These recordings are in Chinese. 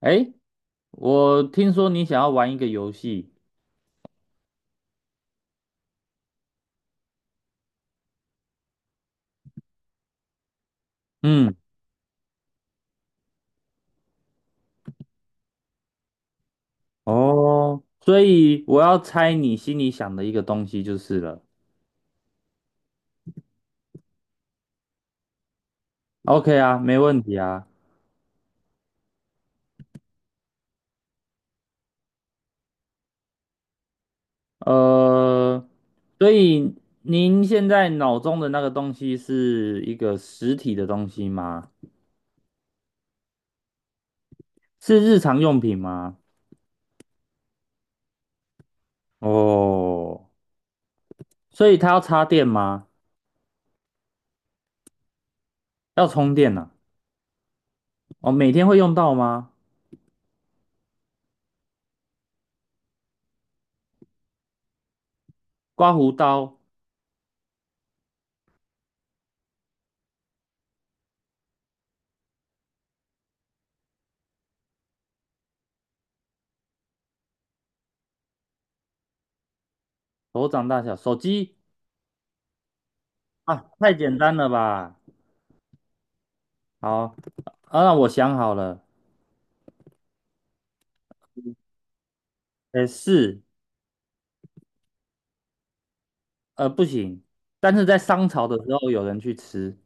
哎，我听说你想要玩一个游戏，嗯，哦，所以我要猜你心里想的一个东西就是了。OK 啊，没问题啊。呃，所以您现在脑中的那个东西是一个实体的东西吗？是日常用品吗？哦，所以它要插电吗？要充电呐、哦，每天会用到吗？刮胡刀，手掌大小，手机啊，太简单了吧？好。啊，那我想好了，哎是，不行，但是在商朝的时候有人去吃，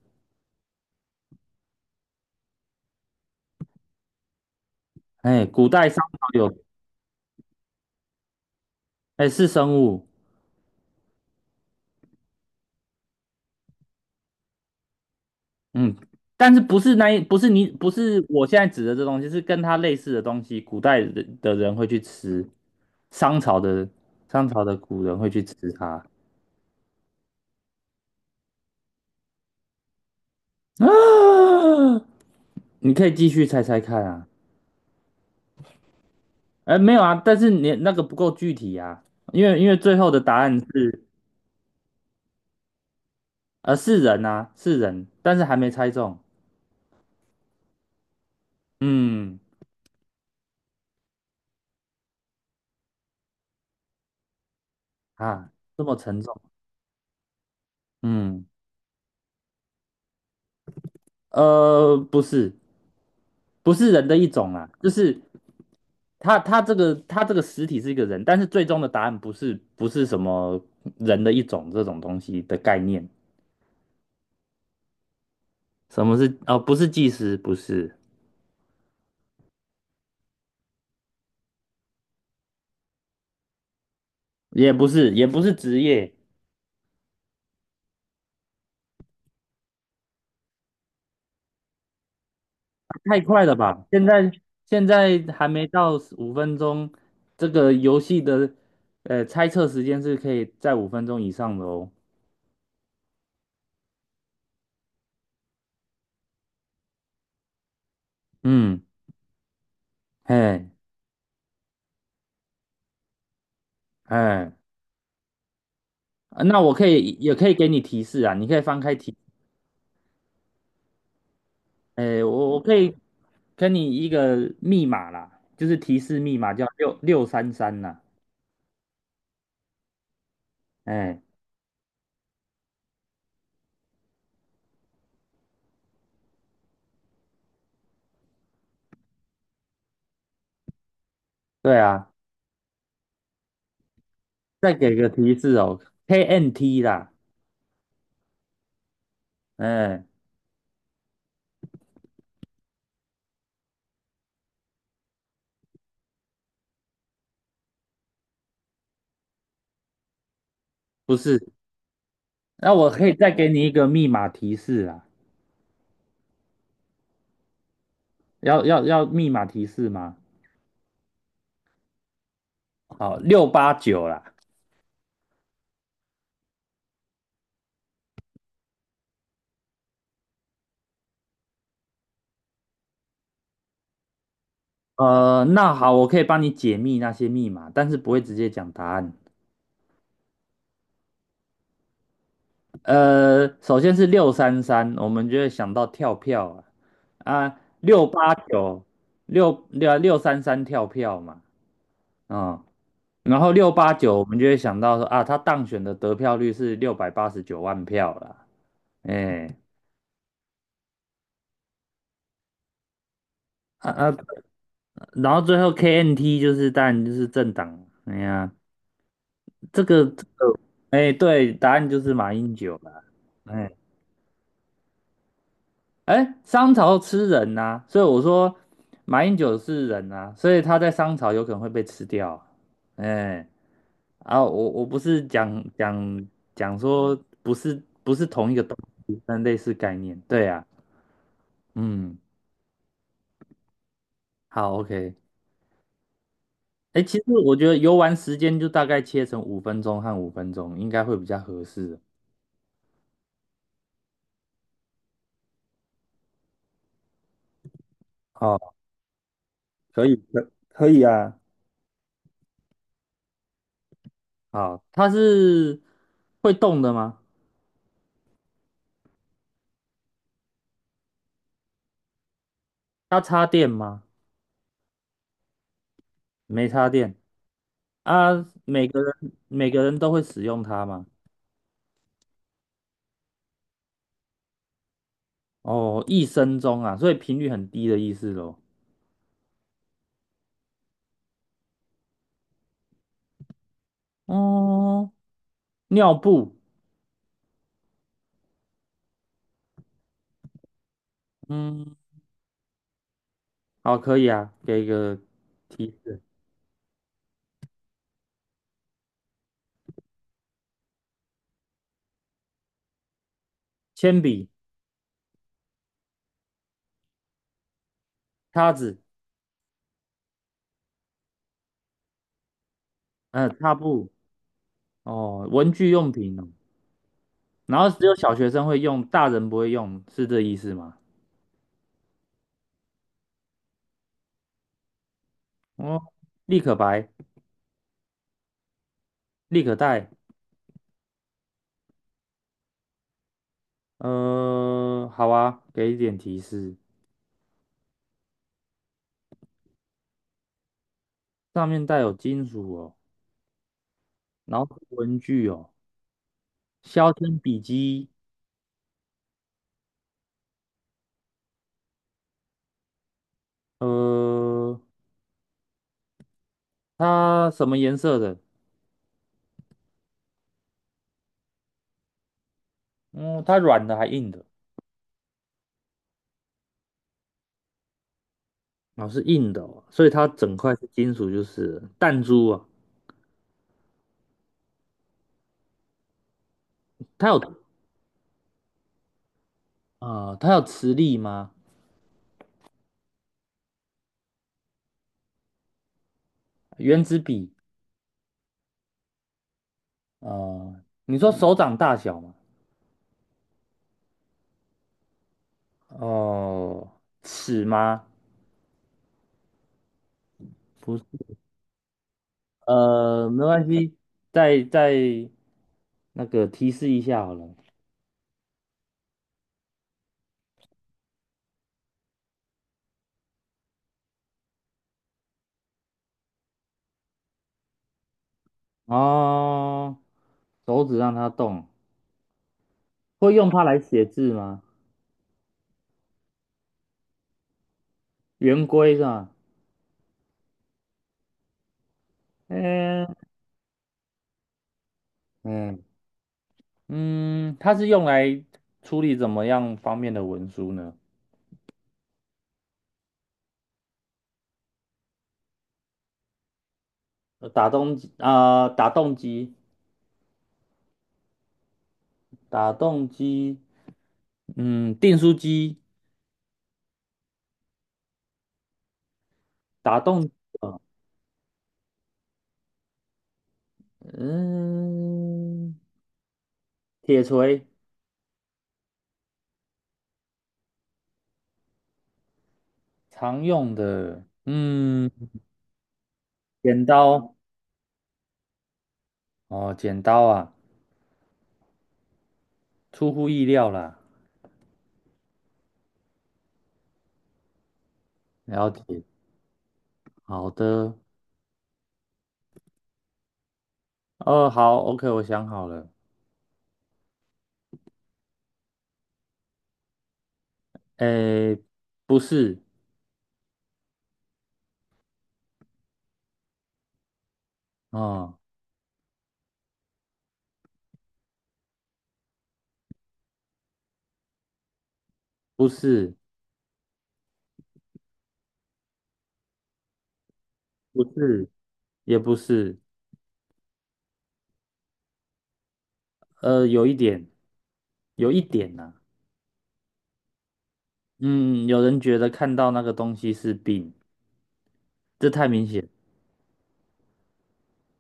哎，古代商朝有，哎，是生物，嗯，但是不是那一，不是你，不是我现在指的这东西，是跟它类似的东西，古代的人会去吃，商朝的商朝的古人会去吃它，啊，你可以继续猜猜看啊，哎，没有啊，但是你那个不够具体啊，因为最后的答案是。是人啊，是人，但是还没猜中。嗯，啊，这么沉重。嗯，不是，不是人的一种啊，就是他这个实体是一个人，但是最终的答案不是什么人的一种这种东西的概念。什么是？哦，不是技师，不是，也不是，也不是职业。太快了吧！现在还没到五分钟，这个游戏的猜测时间是可以在五分钟以上的哦。嗯，哎哎，啊那我可以也可以给你提示啊，你可以翻开提，哎，我可以跟你一个密码啦，就是提示密码叫六六三三啦。哎，对啊，再给个提示哦，KNT 啦，哎，不是，那我可以再给你一个密码提示啦。要密码提示吗？好，六八九啦。那好，我可以帮你解密那些密码，但是不会直接讲答案。首先是六三三，我们就会想到跳票啊，六八九，六六六三三跳票嘛，嗯，然后六八九我们就会想到说啊，他当选的得票率是689万票啦，哎、欸啊啊，然后最后 KNT 就是当然就是政党，哎呀，啊这个，哎，对，答案就是马英九啦。哎哎，商朝吃人呐、所以我说马英九是人呐、所以他在商朝有可能会被吃掉啊。哎，啊，我不是讲说不是同一个东西，但类似概念。对啊，嗯，好，OK。哎，其实我觉得游玩时间就大概切成五分钟和五分钟，应该会比较合适。哦，可以，可以啊。好，它是会动的吗？它插电吗？没插电啊。每个人都会使用它吗？哦，一生中啊，所以频率很低的意思咯。哦，尿布，嗯，好，可以啊，给一个提示，铅笔、叉子，嗯、擦布，哦，文具用品哦。然后只有小学生会用，大人不会用，是这意思吗？哦，立可白、立可带。嗯、好啊，给一点提示。上面带有金属哦，然后是文具哦，削铅笔机，呃，它什么颜色的？嗯，它软的还硬的？哦，是硬的哦，所以它整块是金属，就是弹珠啊。它有它有磁力吗？原子笔啊、你说手掌大小吗？哦、尺吗？不。没关系，再那个提示一下好了。哦，手指让它动，会用它来写字吗？圆规是吧？嗯嗯嗯，它是用来处理怎么样方面的文书呢？打洞机啊、打洞机，嗯，订书机，打洞，呃嗯，铁锤，常用的，嗯，剪刀。哦，剪刀啊，出乎意料啦，了解。好的，哦，好，OK，我想好了。诶，不是，哦，不是，不是，也不是，有一点，有一点呐、嗯，有人觉得看到那个东西是病，这太明显，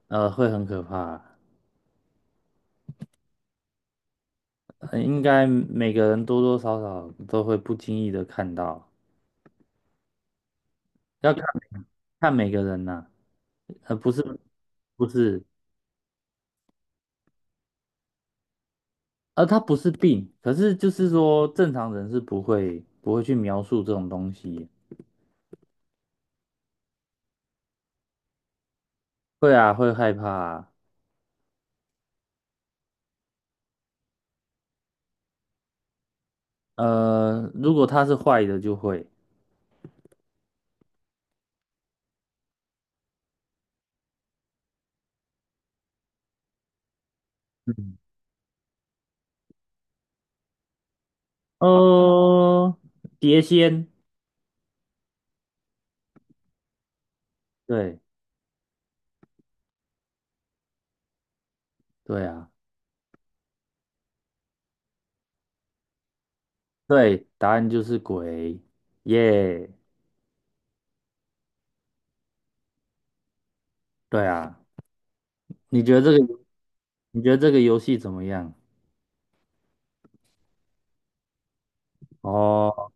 会很可怕。应该每个人多多少少都会不经意的看到，要看看每个人呐、不是，不是，它不是病，可是就是说正常人是不会去描述这种东西，会啊，会害怕啊。如果它是坏的就会，嗯，呃，碟仙，对对啊，对，答案就是鬼，耶、对啊。你觉得这个你觉得这个游戏怎么样？哦，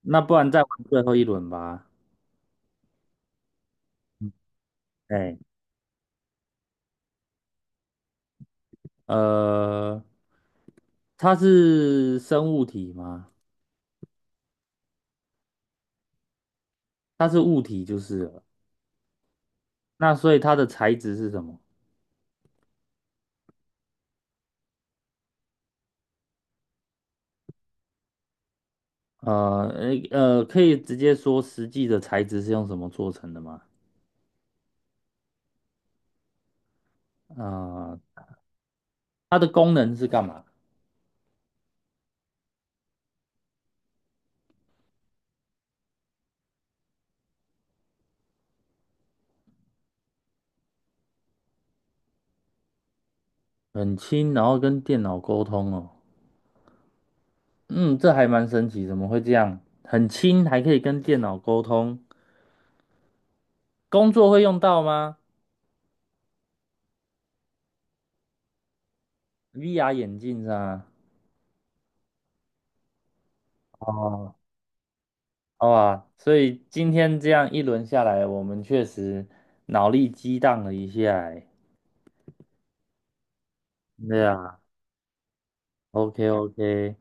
那不然再玩最后一轮吧。哎，呃，它是生物体吗？它是物体就是了。那所以它的材质是什么？可以直接说实际的材质是用什么做成的吗？啊、它的功能是干嘛？很轻，然后跟电脑沟通哦。嗯，这还蛮神奇，怎么会这样？很轻，还可以跟电脑沟通，工作会用到吗？VR 眼镜上啊。哦，好吧，所以今天这样一轮下来，我们确实脑力激荡了一下欸。对啊，OK OK。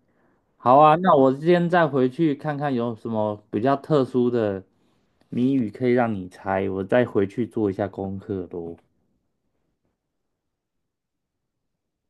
好啊，那我今天再回去看看有什么比较特殊的谜语可以让你猜，我再回去做一下功课喽。